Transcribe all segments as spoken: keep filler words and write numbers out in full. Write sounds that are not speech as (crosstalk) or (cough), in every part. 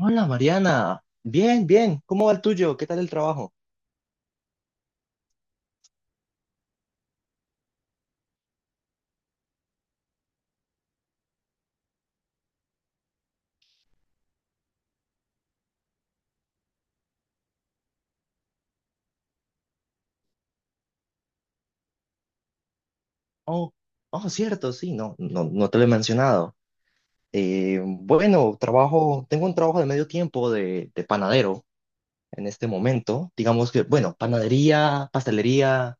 Hola Mariana, bien, bien, ¿cómo va el tuyo? ¿Qué tal el trabajo? Oh, oh, cierto, sí, no, no, no te lo he mencionado. Eh, bueno, trabajo, tengo un trabajo de medio tiempo de, de panadero en este momento. Digamos que, bueno, panadería, pastelería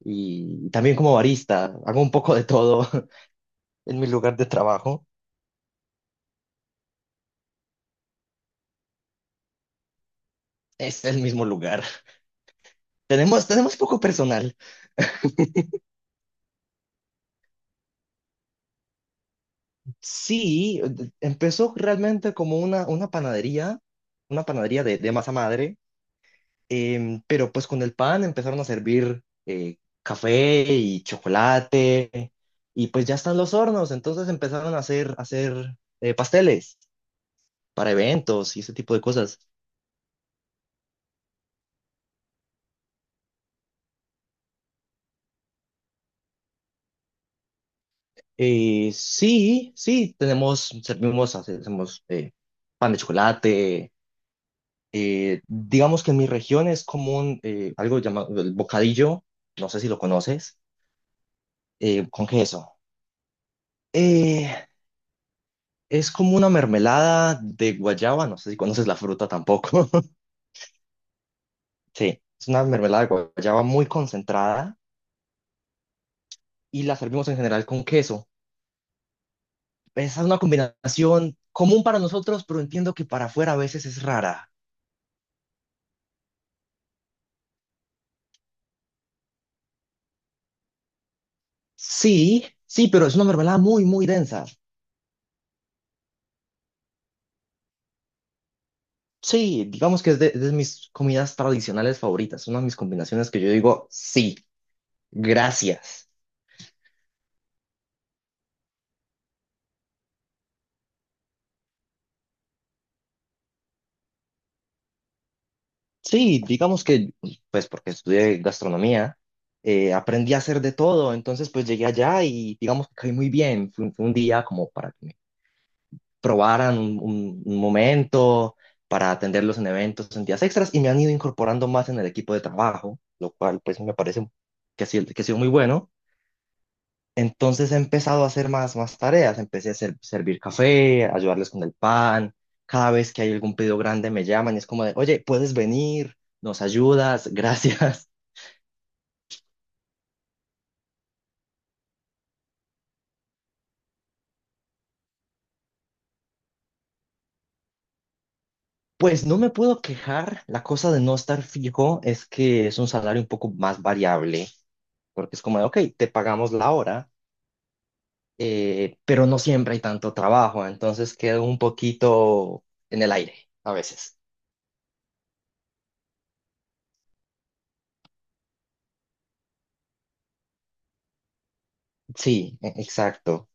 y también como barista. Hago un poco de todo (laughs) en mi lugar de trabajo. Es el mismo lugar. (laughs) Tenemos, tenemos poco personal. Sí, empezó realmente como una, una panadería, una panadería de de masa madre. Em, pero pues con el pan empezaron a servir eh, café y chocolate, y pues ya están los hornos, entonces empezaron a hacer, a hacer eh, pasteles para eventos y ese tipo de cosas. Eh, sí, sí, tenemos, servimos, hace- hacemos eh, pan de chocolate. eh, digamos que en mi región es común eh, algo llamado el bocadillo, no sé si lo conoces, eh, con queso. Eh, Es como una mermelada de guayaba, no sé si conoces la fruta tampoco. (laughs) Sí, es una mermelada de guayaba muy concentrada y la servimos en general con queso. Esa es una combinación común para nosotros, pero entiendo que para afuera a veces es rara. Sí, sí, pero es una mermelada muy, muy densa. Sí, digamos que es de, de mis comidas tradicionales favoritas, una de mis combinaciones que yo digo, sí, gracias. Sí, digamos que, pues porque estudié gastronomía. Eh, aprendí a hacer de todo, entonces pues llegué allá y digamos que caí muy bien. Fue, un fue un día como para que me probaran un, un- un momento, para atenderlos en eventos, en días extras, y me han ido incorporando más en el equipo de trabajo, lo cual pues me parece que ha sido, que ha sido muy bueno. Entonces he empezado a hacer más, más tareas. Empecé a hacer- servir café, ayudarles con el pan. Cada vez que hay algún pedido grande me llaman y es como de, oye, ¿puedes venir? ¿Nos ayudas? (laughs) Gracias. Pues no me puedo quejar. La cosa de no estar fijo es que es un salario un poco más variable, porque es como de, ok, te pagamos la hora, eh, pero no siempre hay tanto trabajo. Entonces quedo un poquito en el aire a veces. Sí, e- exacto.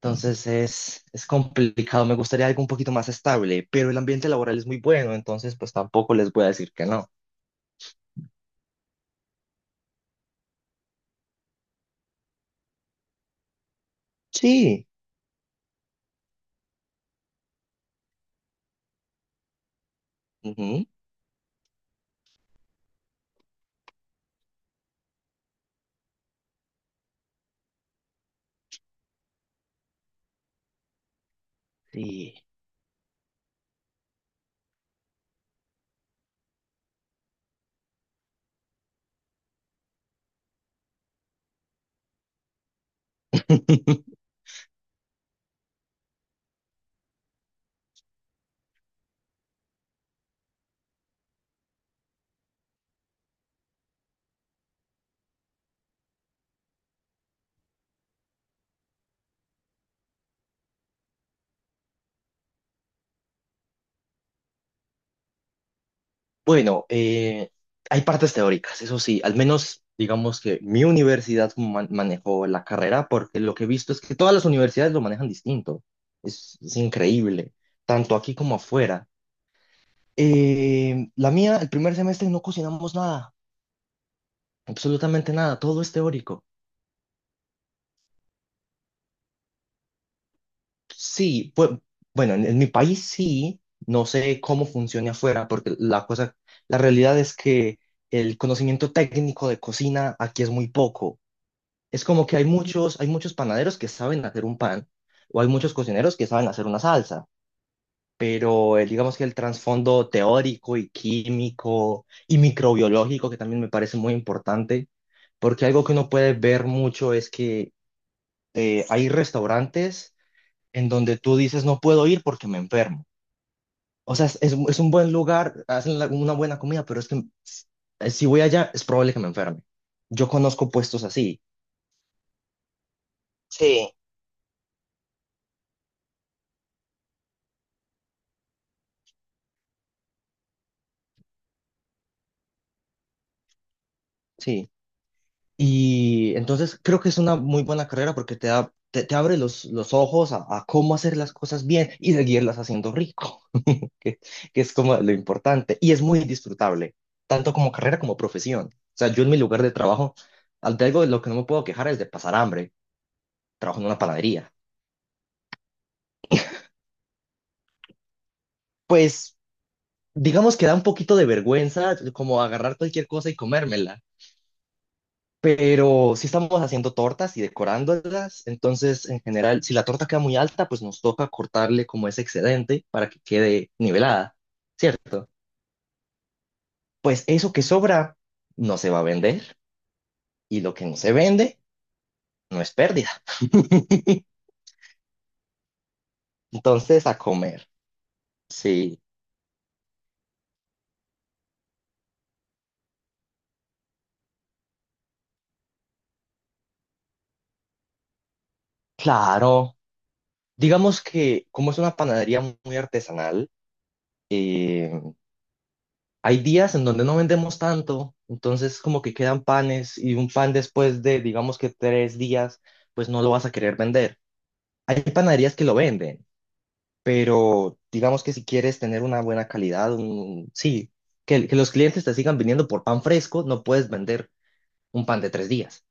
Entonces es, es complicado, me gustaría algo un poquito más estable, pero el ambiente laboral es muy bueno, entonces pues tampoco les voy a decir que no. Sí. Ujú. Sí. (laughs) Bueno, eh, hay partes teóricas, eso sí, al menos digamos que mi universidad man- manejó la carrera, porque lo que he visto es que todas las universidades lo manejan distinto. Es, es increíble, tanto aquí como afuera. Eh, la mía, el primer semestre no cocinamos nada, absolutamente nada, todo es teórico. Sí, pues, bueno, en, en mi país sí, no sé cómo funcione afuera, porque la cosa, la realidad es que el conocimiento técnico de cocina aquí es muy poco. Es como que hay muchos, hay muchos panaderos que saben hacer un pan, o hay muchos cocineros que saben hacer una salsa, pero eh, digamos que el trasfondo teórico y químico y microbiológico, que también me parece muy importante, porque algo que uno puede ver mucho es que eh, hay restaurantes en donde tú dices, no puedo ir porque me enfermo. O sea, es, es un es un buen lugar, hacen la- una buena comida, pero es que eh, si voy allá es probable que me enferme. Yo conozco puestos así. Sí, sí. Y entonces creo que es una muy buena carrera porque te da, te, te abre los, los ojos a, a cómo hacer las cosas bien y seguirlas haciendo rico, (laughs) que, que es como lo importante. Y es muy disfrutable, tanto como carrera como profesión. O sea, yo en mi lugar de trabajo, al- de algo de lo que no me puedo quejar es de pasar hambre. Trabajo en una panadería. Pues digamos que da un poquito de vergüenza como agarrar cualquier cosa y comérmela, pero si estamos haciendo tortas y decorándolas, entonces en general, si la torta queda muy alta, pues nos toca cortarle como ese excedente para que quede nivelada, ¿cierto? Pues eso que sobra no se va a vender, y lo que no se vende no es pérdida. (laughs) Entonces a comer, sí, claro. Digamos que como es una panadería muy artesanal, eh, hay días en donde no vendemos tanto, entonces como que quedan panes, y un pan después de, digamos que tres días, pues no lo vas a querer vender. Hay panaderías que lo venden, pero digamos que si quieres tener una buena calidad, un- sí, que, que los clientes te sigan viniendo por pan fresco, no puedes vender un pan de tres días.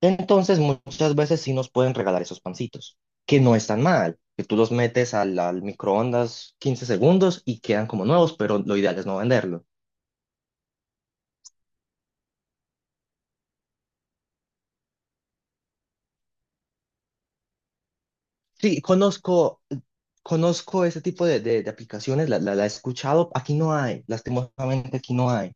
Entonces muchas veces sí nos pueden regalar esos pancitos, que no están mal, que tú los metes al, al microondas quince segundos y quedan como nuevos, pero lo ideal es no venderlos. Sí, conozco, conozco ese tipo de, de- de aplicaciones, la, la, la he escuchado. Aquí no hay, lastimosamente aquí no hay,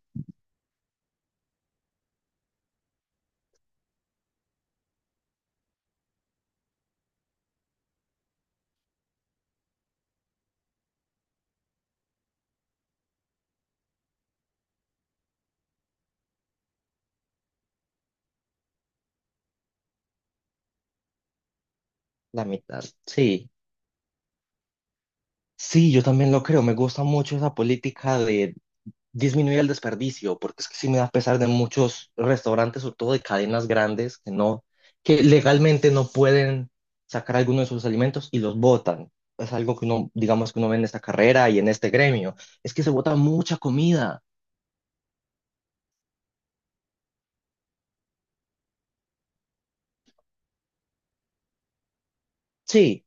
la mitad. Sí, sí, yo también lo creo. Me gusta mucho esa política de disminuir el desperdicio, porque es que sí me da pesar de muchos restaurantes, sobre todo de cadenas grandes, que no, que legalmente no pueden sacar alguno de sus alimentos y los botan. Es algo que uno, digamos que uno ve en esta carrera y en este gremio. Es que se bota mucha comida. Sí,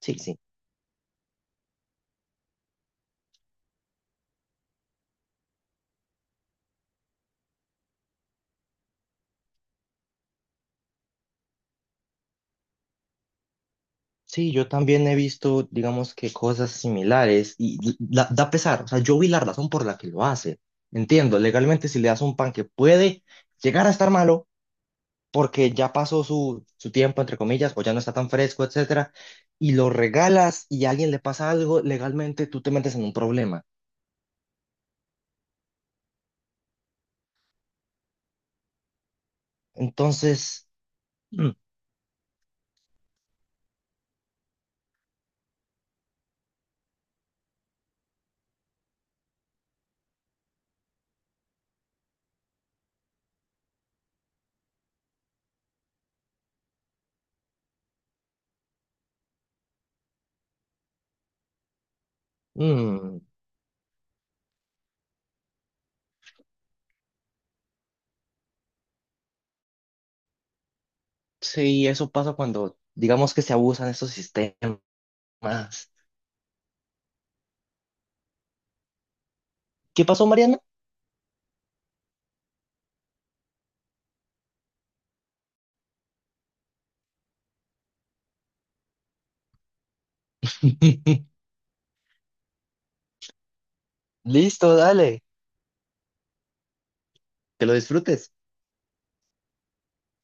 sí, sí. Sí, yo también he visto, digamos que cosas similares, y la- da pesar, o sea, yo vi la razón por la que lo hace. Entiendo, legalmente si le das un pan que puede llegar a estar malo porque ya pasó su, su tiempo, entre comillas, o ya no está tan fresco, etcétera, y lo regalas y a alguien le pasa algo, legalmente tú te metes en un problema. Entonces, mm, mm, sí, eso pasa cuando, digamos que se abusan estos sistemas. ¿Qué pasó, Mariana? (laughs) Listo, dale, que lo disfrutes.